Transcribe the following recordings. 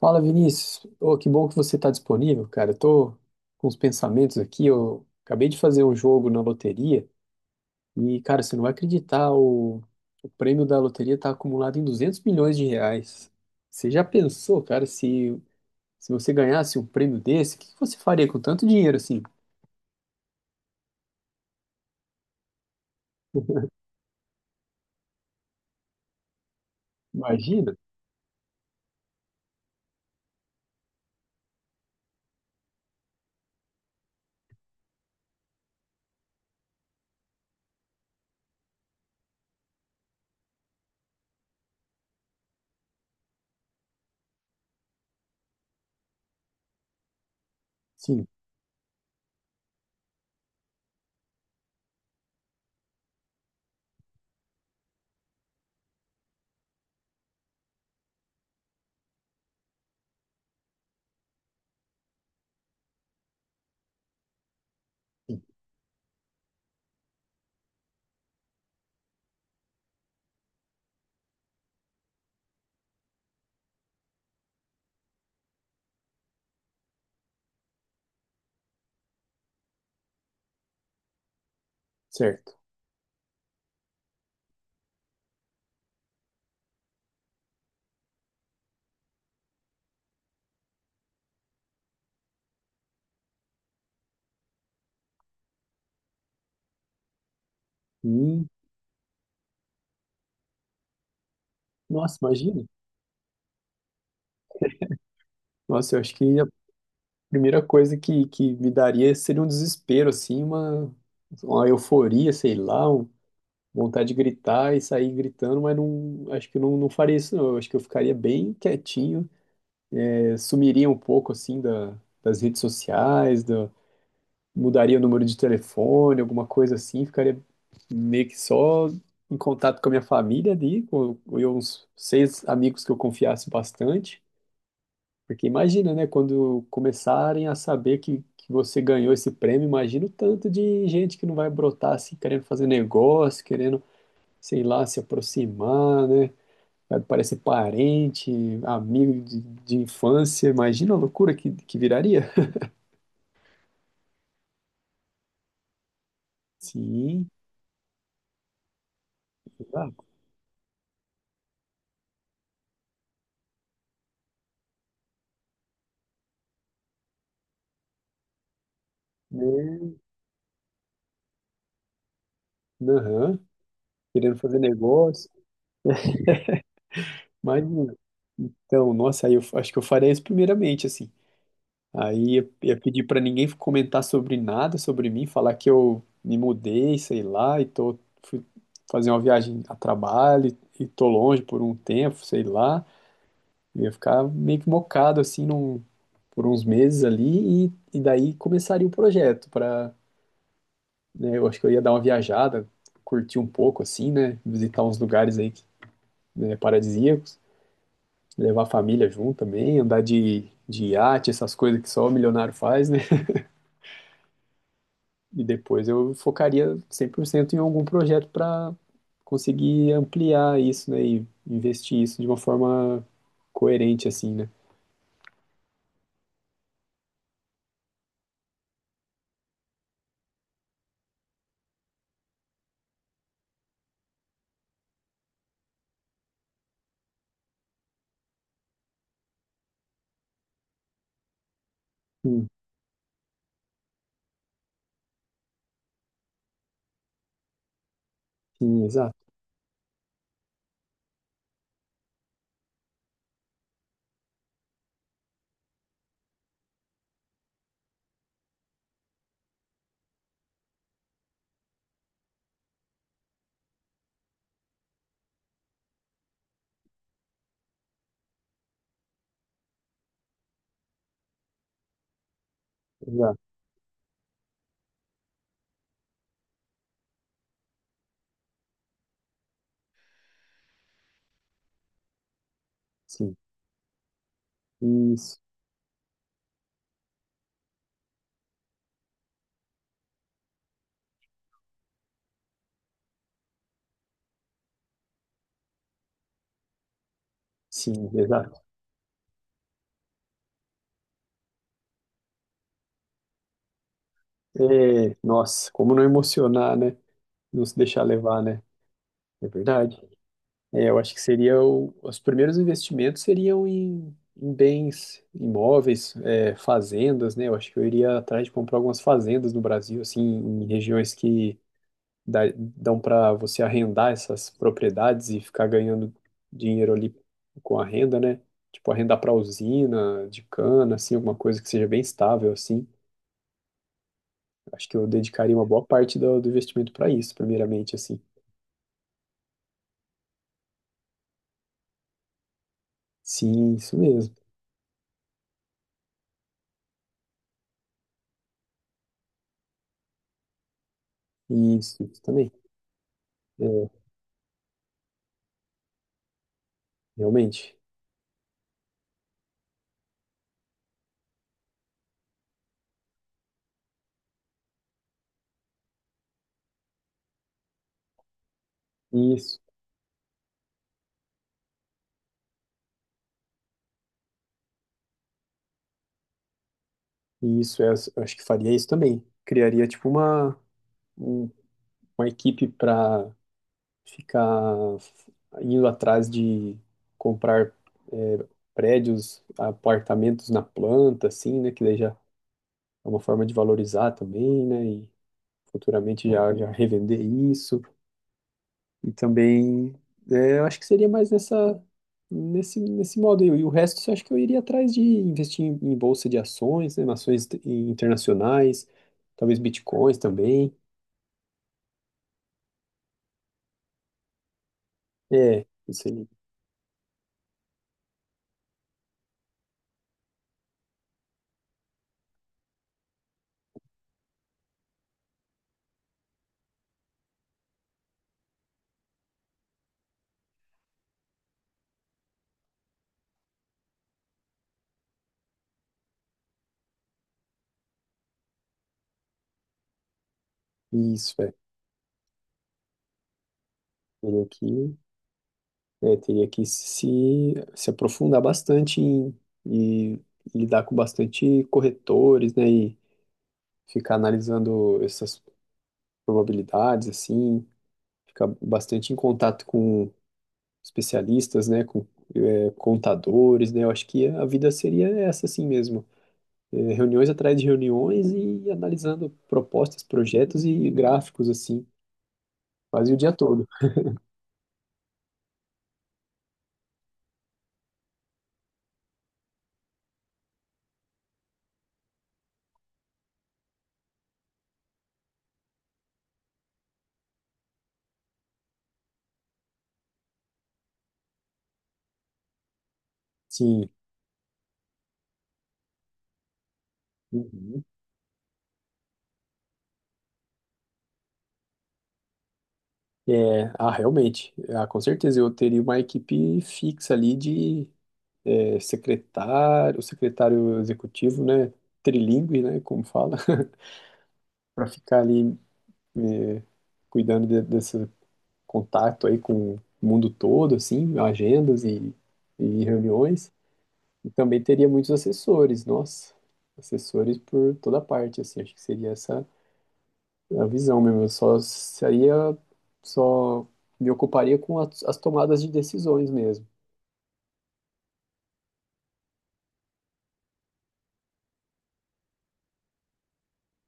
Fala, Vinícius. Ô, que bom que você está disponível, cara. Eu tô com os pensamentos aqui. Eu acabei de fazer um jogo na loteria e, cara, você não vai acreditar, o prêmio da loteria está acumulado em R$ 200 milhões. Você já pensou, cara, se você ganhasse um prêmio desse, o que que você faria com tanto dinheiro assim? Imagina? Sim, certo. Hum, nossa, imagina. Nossa, eu acho que a primeira coisa que me daria seria um desespero, assim, uma euforia, sei lá, um vontade de gritar e sair gritando, mas não, acho que não faria isso não. Eu acho que eu ficaria bem quietinho, sumiria um pouco assim da, das redes sociais, mudaria o número de telefone, alguma coisa assim, ficaria meio que só em contato com a minha família ali, com eu, uns seis amigos que eu confiasse bastante. Porque imagina, né, quando começarem a saber que você ganhou esse prêmio, imagina o tanto de gente que não vai brotar assim, querendo fazer negócio, querendo sei lá, se aproximar, né? Vai parecer parente, amigo de infância. Imagina a loucura que viraria. Sim, exato. Né? Aham. Querendo fazer negócio. Mas, então, nossa, aí eu acho que eu faria isso primeiramente, assim. Aí ia pedir pra ninguém comentar sobre nada, sobre mim, falar que eu me mudei, sei lá, e fui fazer uma viagem a trabalho e tô longe por um tempo, sei lá. Eu ia ficar meio que mocado assim por uns meses ali e daí começaria o projeto para, né, eu acho que eu ia dar uma viajada, curtir um pouco assim, né, visitar uns lugares aí, né, paradisíacos, levar a família junto também, andar de iate, essas coisas que só o milionário faz, né? E depois eu focaria 100% em algum projeto para conseguir ampliar isso, né, e investir isso de uma forma coerente assim, né? Sim, sim, exato, exato, sim. Isso. Sim, exato. É, nossa, como não emocionar, né? Não se deixar levar, né? É verdade. É, eu acho que seria os primeiros investimentos seriam em bens imóveis, fazendas, né? Eu acho que eu iria atrás de comprar algumas fazendas no Brasil, assim, em regiões que dão para você arrendar essas propriedades e ficar ganhando dinheiro ali com a renda, né? Tipo, arrendar para usina de cana, assim, alguma coisa que seja bem estável, assim. Acho que eu dedicaria uma boa parte do investimento para isso, primeiramente, assim. Sim, isso mesmo. Isso também. É, realmente. Isso, isso. Eu acho que faria isso também. Criaria, tipo, um- uma equipe para ficar indo atrás de comprar é, prédios, apartamentos na planta, assim, né? Que daí já é uma forma de valorizar também, né? E futuramente já, já revender isso. E também, eu acho que seria mais nesse modo aí. E o resto, eu acho que eu iria atrás de investir em bolsa de ações, né, ações internacionais, talvez bitcoins também. É, isso aí. Isso, é. Teria que, teria que se aprofundar bastante e lidar com bastante corretores, né? E ficar analisando essas probabilidades, assim, ficar bastante em contato com especialistas, né, com contadores, né? Eu acho que a vida seria essa assim mesmo. É, reuniões atrás de reuniões e analisando propostas, projetos e gráficos, assim, quase o dia todo. Sim. Uhum. É, ah, realmente. Ah, com certeza eu teria uma equipe fixa ali de secretário, secretário executivo, né? Trilingue, né? Como fala, para ficar ali é, cuidando contato aí com o mundo todo, assim, agendas e reuniões. E também teria muitos assessores, nossa, assessores por toda parte, assim, acho que seria essa a visão mesmo. Eu só me ocuparia com as, as tomadas de decisões mesmo.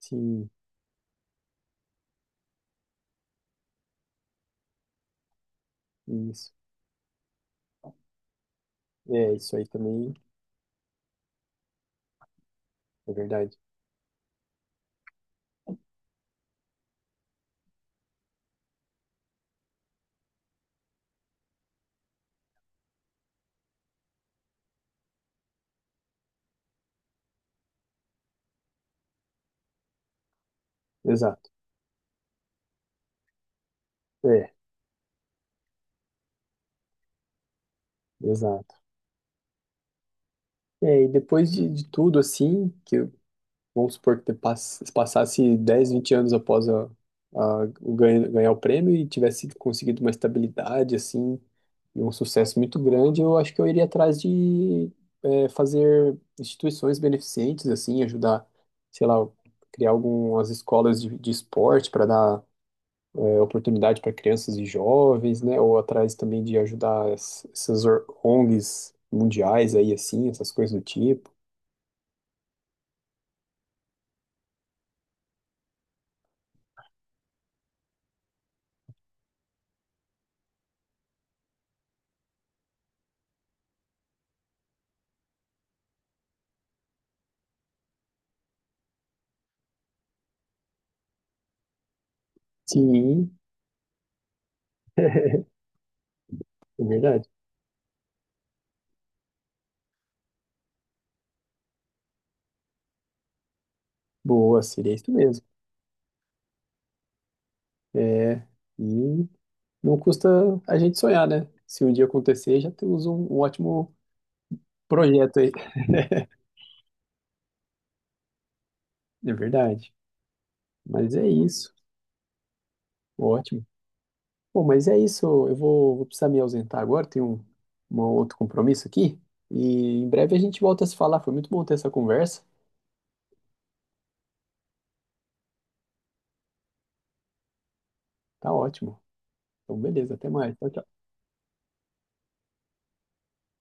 Sim, isso. É, isso aí também é verdade. Exato. É, exato. É, e depois de tudo, assim, que vamos supor que te passasse 10 20 anos após ganhar o prêmio e tivesse conseguido uma estabilidade, assim, e um sucesso muito grande, eu acho que eu iria atrás de fazer instituições beneficentes, assim, ajudar, sei lá, criar algumas escolas de esporte para dar oportunidade para crianças e jovens, né? Ou atrás também de ajudar essas ONGs mundiais aí, assim, essas coisas do tipo. Sim, é verdade. Boa, seria isso mesmo. É, e não custa a gente sonhar, né? Se um dia acontecer, já temos um ótimo projeto aí. É verdade. Mas é isso. Ótimo. Bom, mas é isso. Eu vou precisar me ausentar agora. Tenho um outro compromisso aqui. E em breve a gente volta a se falar. Foi muito bom ter essa conversa. Tá ótimo. Então, beleza. Até mais. Tchau, tchau.